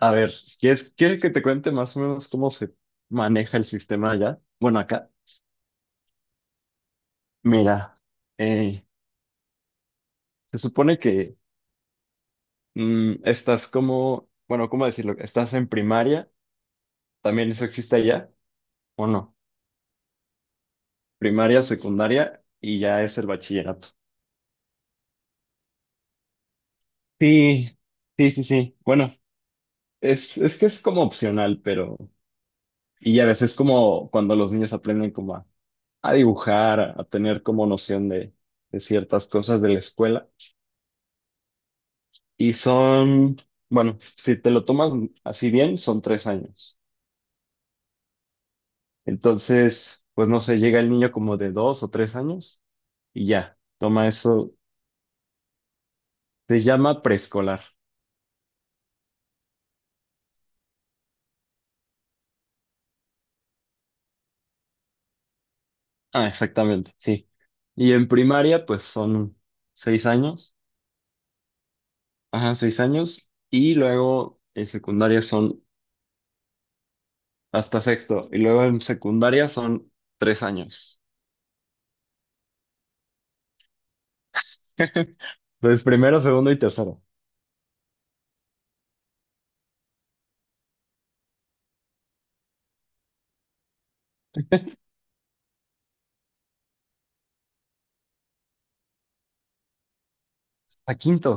A ver, ¿quieres que te cuente más o menos cómo se maneja el sistema allá? Bueno, acá, mira, eh, se supone que estás como, bueno, ¿cómo decirlo? Estás en primaria, también eso existe allá, ¿o no? Primaria, secundaria y ya es el bachillerato. Sí, sí, sí, sí. Bueno, es que es como opcional, pero, y a veces como cuando los niños aprenden como a dibujar, a tener como noción de ciertas cosas de la escuela. Y son, bueno, si te lo tomas así bien, son 3 años. Entonces, pues no sé, llega el niño como de 2 o 3 años y ya, toma eso, se llama preescolar. Ah, exactamente, sí. Y en primaria, pues son 6 años, ajá, 6 años, y luego en secundaria son hasta sexto, y luego en secundaria son 3 años. Entonces, primero, segundo y tercero. A quinto.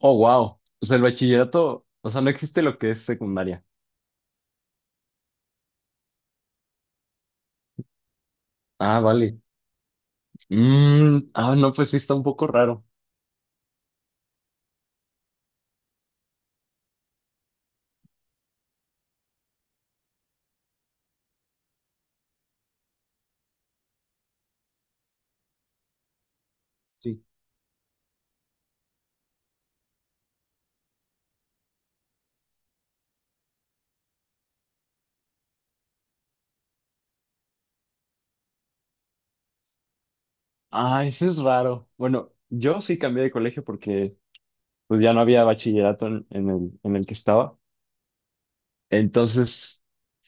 Oh, wow. O sea, el bachillerato, o sea, no existe lo que es secundaria. Ah, vale. Ah, no, pues sí está un poco raro. Sí. Ah, eso es raro. Bueno, yo sí cambié de colegio porque pues ya no había bachillerato en el que estaba. Entonces,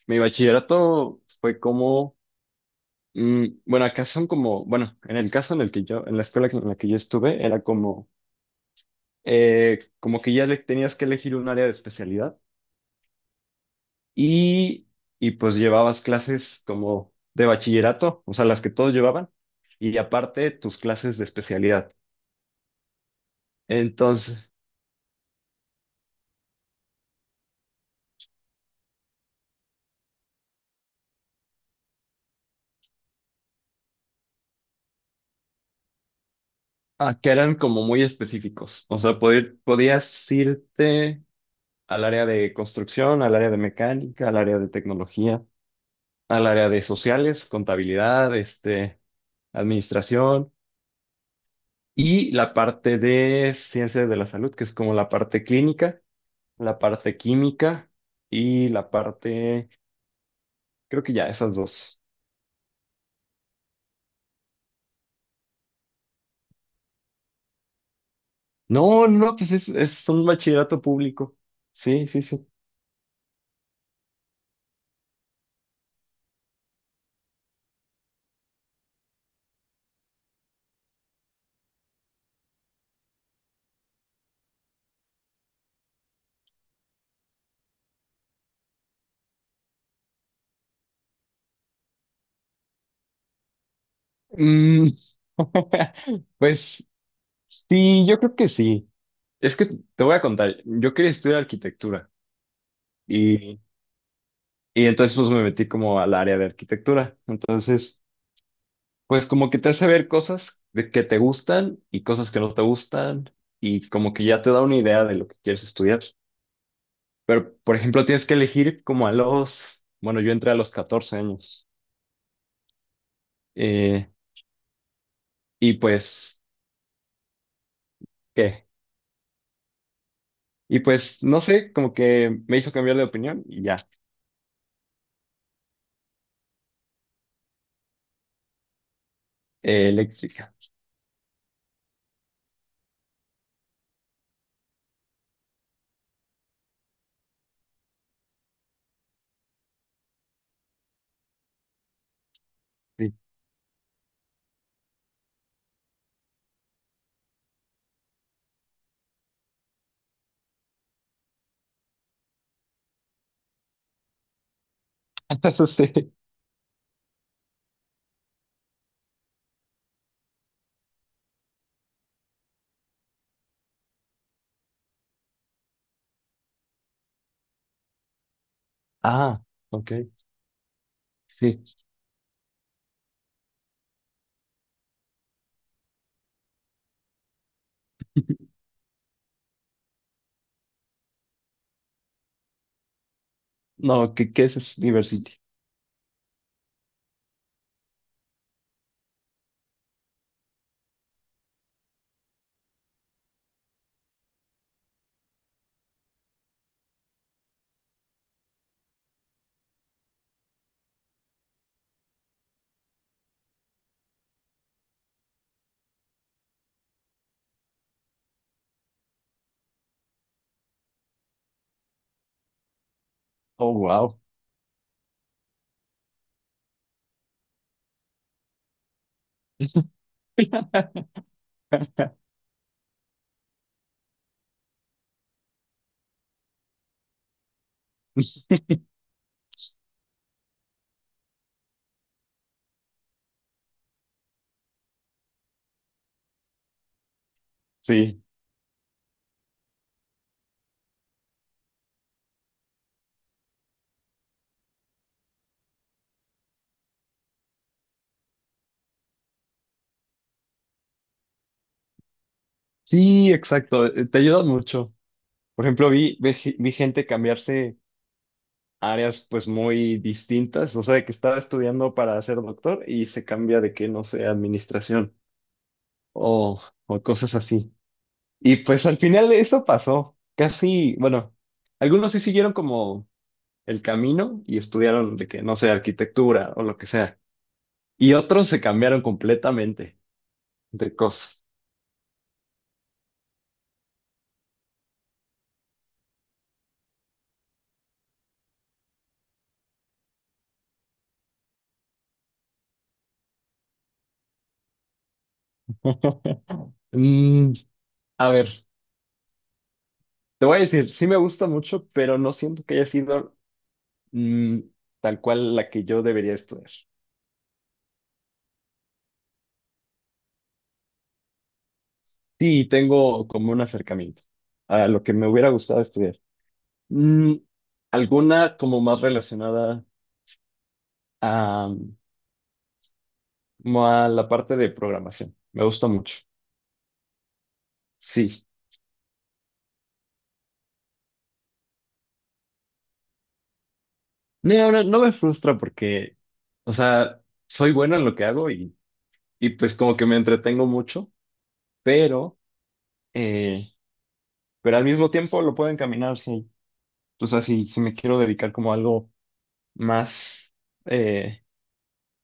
mi bachillerato fue como, bueno, acá son como, bueno, en el caso en el que yo, en la escuela en la que yo estuve, era como, como que ya tenías que elegir un área de especialidad. y, y pues llevabas clases como de bachillerato, o sea, las que todos llevaban, y aparte tus clases de especialidad. Entonces, que eran como muy específicos, o sea, podías irte al área de construcción, al área de mecánica, al área de tecnología, al área de sociales, contabilidad, este, administración. Y la parte de ciencias de la salud, que es como la parte clínica, la parte química y la parte. Creo que ya, esas dos. No, no, pues es un bachillerato público. Sí, sí, sí. Mm. Pues sí, yo creo que sí. Es que te voy a contar, yo quería estudiar arquitectura, y, y entonces pues me metí como al área de arquitectura. Entonces, pues como que te hace ver cosas de que te gustan y cosas que no te gustan y como que ya te da una idea de lo que quieres estudiar. Pero, por ejemplo, tienes que elegir como a los, bueno, yo entré a los 14 años. eh, Y pues, ¿qué? Y pues, no sé, como que me hizo cambiar de opinión y ya. Eléctrica. Sí. Eso sí. Ah, ok. Sí. No, ¿qué es Diversity? Oh, wow. Sí. Sí, exacto. Te ayudan mucho. Por ejemplo, vi gente cambiarse a áreas pues muy distintas. O sea, de que estaba estudiando para ser doctor y se cambia de que, no sé, administración, o, o cosas así. Y pues al final eso pasó. Casi, bueno, algunos sí siguieron como el camino y estudiaron de que, no sé, arquitectura o lo que sea. Y otros se cambiaron completamente de cosas. Mm, a ver, te voy a decir, sí me gusta mucho, pero no siento que haya sido, mm, tal cual la que yo debería estudiar. Sí, tengo como un acercamiento a lo que me hubiera gustado estudiar. Mm, alguna como más relacionada a como a la parte de programación. Me gusta mucho. Sí. No, ahora no me frustra porque, o sea, soy bueno en lo que hago, y pues como que me entretengo mucho, pero, eh, pero al mismo tiempo lo puedo encaminar, sí. O sea, si me quiero dedicar como a algo más, eh,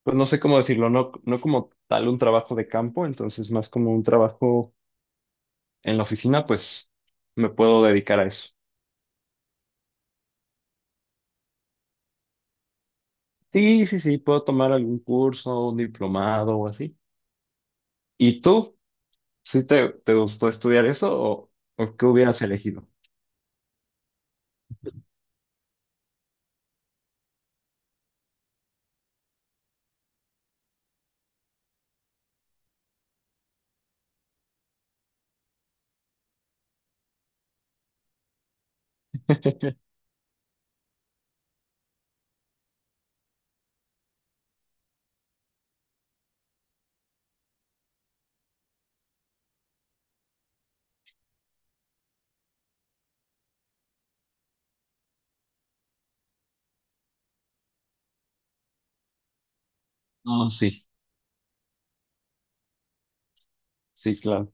pues no sé cómo decirlo, no como tal un trabajo de campo, entonces más como un trabajo en la oficina, pues me puedo dedicar a eso. Sí, sí, sí, puedo tomar algún curso, un diplomado o así. ¿Y tú? ¿Sí te gustó estudiar eso o qué hubieras elegido? Ah, sí, sí, claro.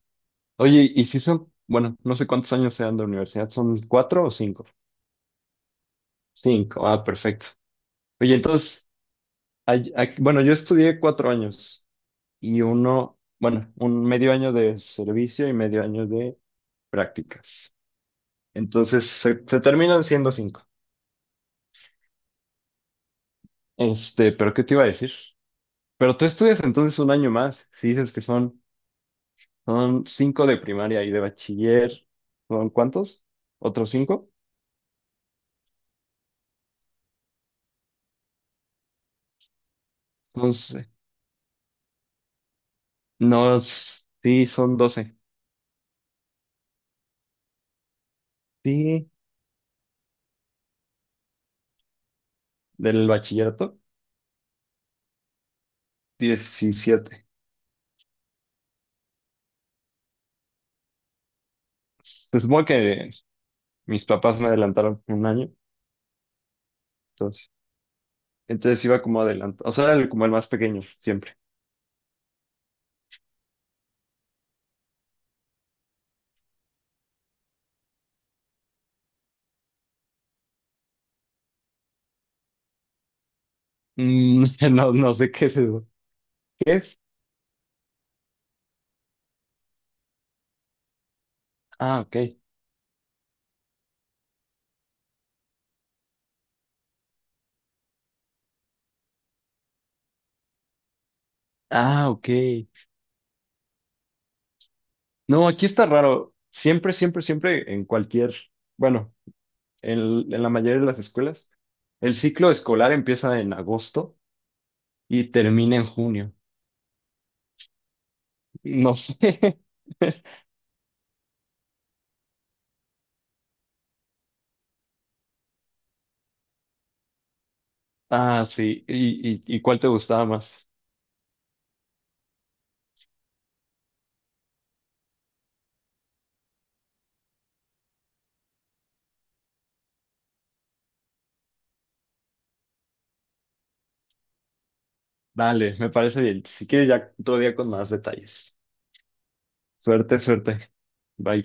Oye, ¿y si son, bueno, no sé cuántos años sean de universidad, ¿son cuatro o cinco? Cinco, ah, perfecto. Oye, entonces, bueno, yo estudié 4 años y uno, bueno, un medio año de servicio y medio año de prácticas. Entonces, se terminan siendo cinco. Este, pero ¿qué te iba a decir? Pero tú estudias entonces un año más, si dices que son. Son cinco de primaria y de bachiller. ¿Son cuántos? ¿Otros cinco? Entonces, no, sí, son 12. Sí, del bachillerato, 17. Se supone que mis papás me adelantaron un año, entonces, entonces iba como adelantado. O sea, era como el más pequeño, siempre. Mm. No, no sé qué es eso. ¿Qué es? Ah, ok. Ah, ok. No, aquí está raro. Siempre, siempre, siempre en cualquier, bueno, en en la mayoría de las escuelas. El ciclo escolar empieza en agosto y termina en junio. No sé. Ah, sí. ¿Y cuál te gustaba más? Dale, me parece bien. Si quieres, ya otro día con más detalles. Suerte, suerte. Bye.